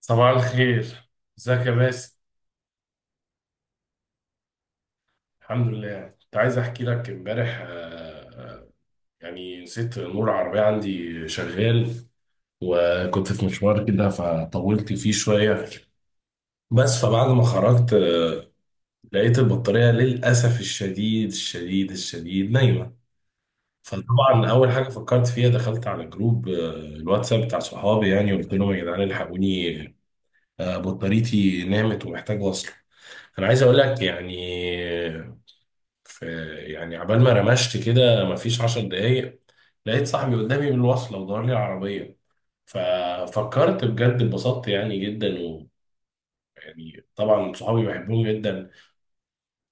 صباح الخير، ازيك يا باسم؟ الحمد لله. كنت عايز احكي لك امبارح، آه، يعني نسيت نور العربية عندي شغال، وكنت في مشوار كده فطولت فيه شوية. بس فبعد ما خرجت لقيت البطارية للأسف الشديد الشديد الشديد نايمة. فطبعا أول حاجة فكرت فيها دخلت على جروب الواتساب بتاع صحابي يعني، وقلت لهم يا جدعان الحقوني، بطاريتي نامت ومحتاج وصل. انا عايز اقول لك يعني، في، يعني عبال ما رمشت كده مفيش 10 دقايق لقيت صاحبي قدامي بالوصلة ودور لي العربية. ففكرت بجد اتبسطت يعني جدا، ويعني طبعا صحابي بحبهم جدا.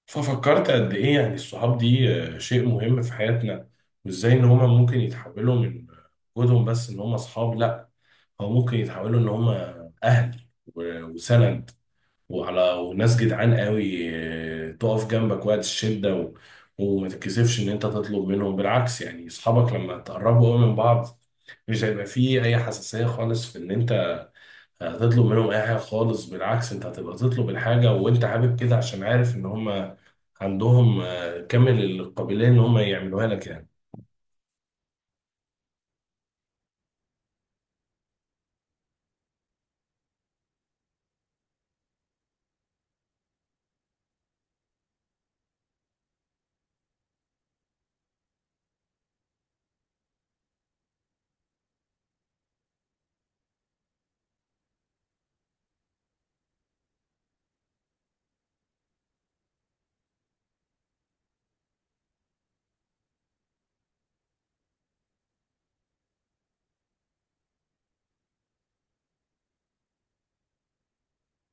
ففكرت قد ايه يعني الصحاب دي شيء مهم في حياتنا، وازاي ان هما ممكن يتحولوا من وجودهم بس ان هما صحاب، لا، هو ممكن يتحولوا ان هما اهل وسند، وعلى وناس جدعان قوي، تقف جنبك وقت الشدة وما تتكسفش ان انت تطلب منهم. بالعكس، يعني اصحابك لما تقربوا قوي من بعض مش هيبقى فيه اي حساسية خالص في ان انت هتطلب منهم اي حاجة خالص. بالعكس، انت هتبقى تطلب الحاجة وانت حابب كده، عشان عارف ان هم عندهم كامل القابلية ان هم يعملوها لك يعني.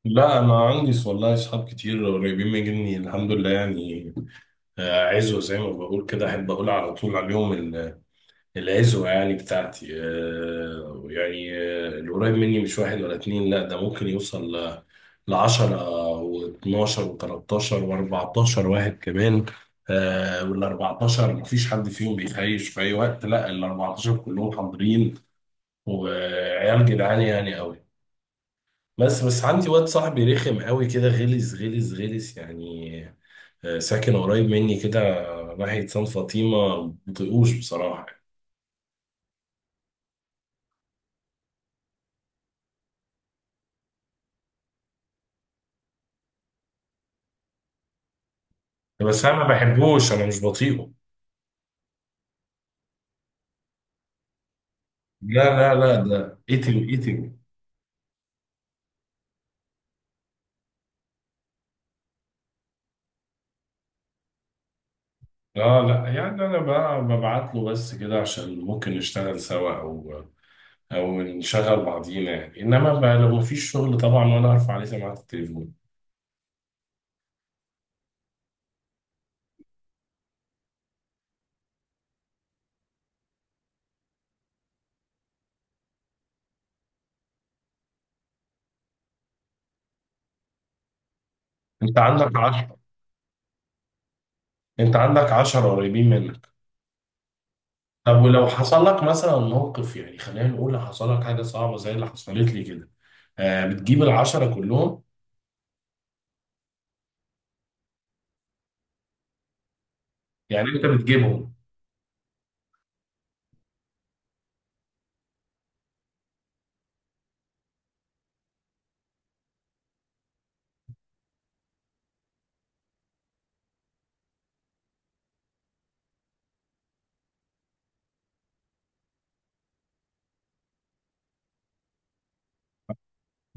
لا، انا عندي والله اصحاب كتير قريبين مني الحمد لله يعني. عزوة زي ما بقول كده، احب اقول على طول عليهم العزوة. يعني بتاعتي القريب مني مش واحد ولا اتنين، لا ده ممكن يوصل ل10 و12 و13 و14 واحد كمان. وال14 مفيش حد فيهم بيخيش في أي وقت، لا ال14 كلهم حاضرين، وعيال جدعان يعني قوي. بس، بس عندي واد صاحبي رخم قوي كده، غلس غلس غلس يعني. ساكن قريب مني كده، ناحية سان فاطمة. مبطيقوش بصراحة. بس انا ما بحبوش، انا مش بطيقه. لا لا لا، ده ايتيو ايتيو. اه لا، يعني انا بقى ببعت له بس كده عشان ممكن نشتغل سوا، او نشغل بعضينا يعني. انما بقى لو مفيش شغل طبعا، وانا ارفع عليه سماعه التليفون. انت عندك 10، انت عندك 10 قريبين منك؟ طب ولو حصل لك مثلا موقف، يعني خلينا نقول حصل لك حاجه صعبه زي اللي حصلت لي كده، آه بتجيب ال10 كلهم؟ يعني انت بتجيبهم.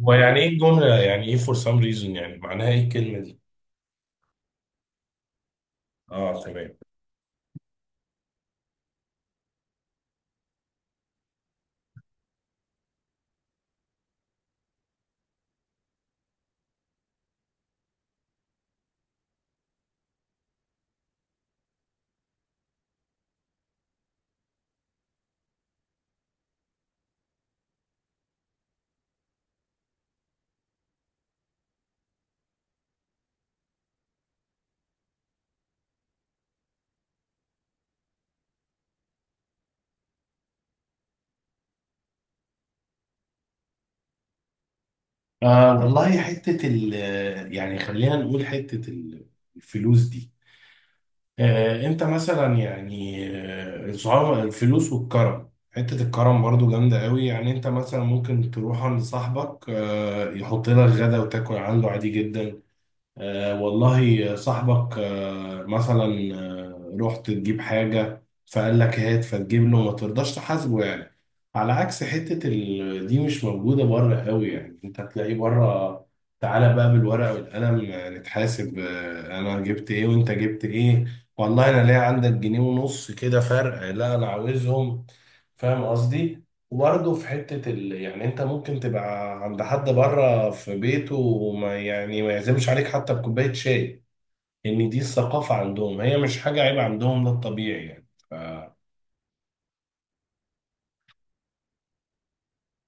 ويعني ايه الجمله؟ يعني ايه for some reason؟ يعني معناها ايه الكلمه دي؟ اه تمام. آه والله حتة ال يعني خلينا نقول الفلوس دي. آه انت مثلا يعني، الفلوس والكرم، حتة الكرم برضو جامدة قوي. يعني انت مثلا ممكن تروح عند صاحبك آه يحط لك غدا وتاكل عنده عادي جدا. آه والله صاحبك آه مثلا آه رحت تجيب حاجة فقال لك هات، فتجيب له ما ترضاش تحاسبه يعني. على عكس دي مش موجودة بره قوي يعني. انت تلاقي بره تعالى بقى بالورقة والقلم، نتحاسب، آه انا جبت ايه وانت جبت ايه، والله انا ليه عندك جنيه ونص كده فرق؟ لا انا عاوزهم، فاهم قصدي؟ وبرضه في يعني انت ممكن تبقى عند حد بره في بيته وما يعني ما يعزمش عليك حتى بكوباية شاي. ان دي الثقافة عندهم، هي مش حاجة عيب عندهم، ده الطبيعي يعني.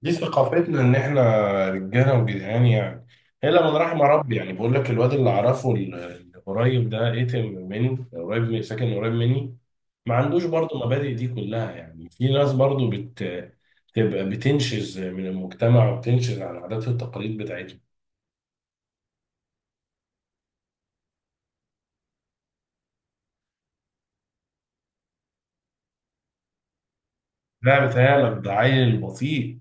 دي ثقافتنا ان احنا رجاله وجدعان يعني. الا من رحم ربي، يعني بقول لك الواد اللي اعرفه اللي قريب ده، ايتم مني، قريب، من ساكن قريب مني، ما عندوش برضه مبادئ دي كلها. يعني في ناس برضه تبقى بتنشز من المجتمع، وبتنشز عن العادات والتقاليد بتاعتهم. لا بتهيألك، ده عيل بطيء.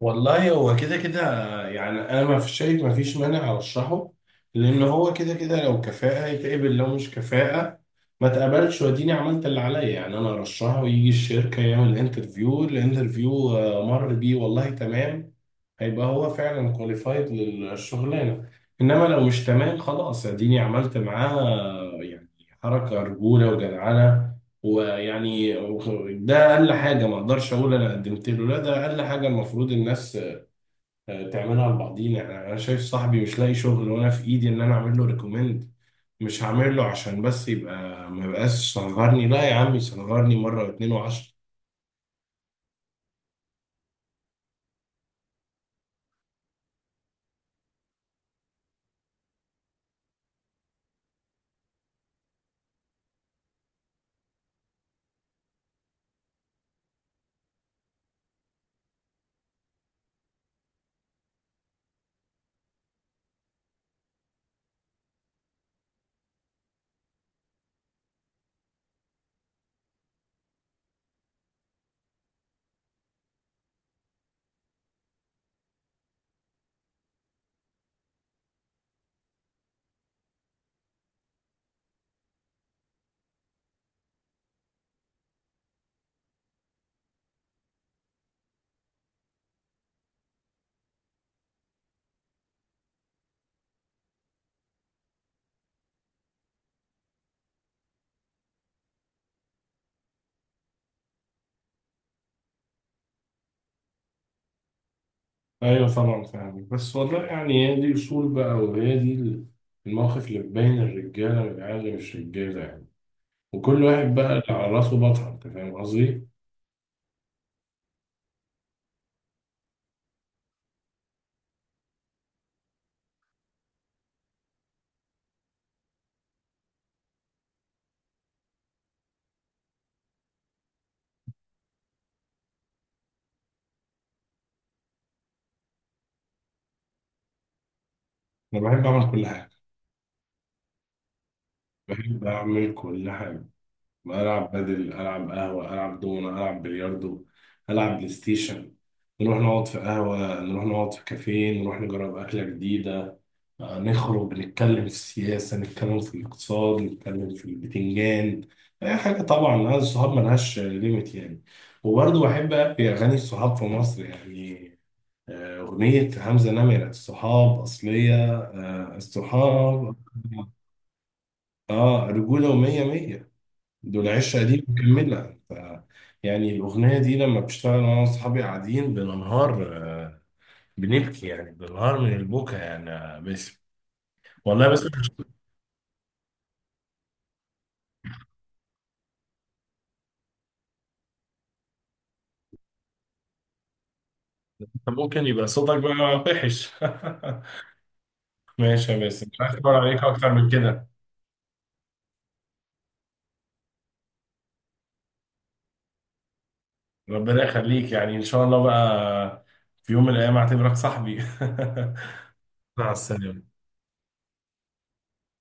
والله هو كده كده، يعني انا ما فيش مانع ارشحه، لان هو كده كده، لو كفاءة يتقبل، لو مش كفاءة ما تقبلش، واديني عملت اللي عليا. يعني انا ارشحه ويجي الشركة يعمل انترفيو، الانترفيو مر بيه، والله تمام، هيبقى هو فعلا كواليفايد للشغلانة. انما لو مش تمام، خلاص اديني عملت معاه يعني حركة رجولة وجدعنة. ويعني ده اقل حاجه، ما اقدرش اقول انا قدمت له، لا ده اقل حاجه المفروض الناس تعملها لبعضينا. يعني انا شايف صاحبي مش لاقي شغل، وانا في ايدي ان انا اعمل له ريكومند، مش هعمل له عشان بس يبقى ما يبقاش صغرني؟ لا يا عم صغرني مره واتنين و10. ايوه طبعا فاهم، بس والله يعني هي دي اصول بقى، وهي دي المواقف اللي بتبين الرجاله من العيال اللي مش رجاله يعني. وكل واحد بقى على راسه بطل، انت فاهم قصدي؟ انا بحب اعمل كل حاجه، بحب اعمل كل حاجه. العب بدل، العب قهوه، العب دومنه، العب بلياردو، العب بلاي ستيشن. نروح نقعد في قهوه، نروح نقعد في كافيه، نروح نجرب اكله جديده، نخرج، نتكلم في السياسه، نتكلم في الاقتصاد، نتكلم في البتنجان، اي حاجه. طبعا انا الصحاب ملهاش ليميت يعني. وبرضه بحب في اغاني الصحاب في مصر يعني، اغنيه حمزه نمره الصحاب اصليه. الصحاب، اه رجوله ومية مية، دول 10 دي مكملة. ف يعني الأغنية دي لما بشتغل أنا وأصحابي قاعدين بننهار، بنبكي يعني، بننهار من البكا يعني يا باسم والله. بس ممكن يبقى صوتك بقى وحش. ماشي يا باسم، مش عايز أكبر عليك أكتر من كده. ربنا يخليك، يعني إن شاء الله بقى في يوم من الأيام أعتبرك صاحبي. مع السلامة.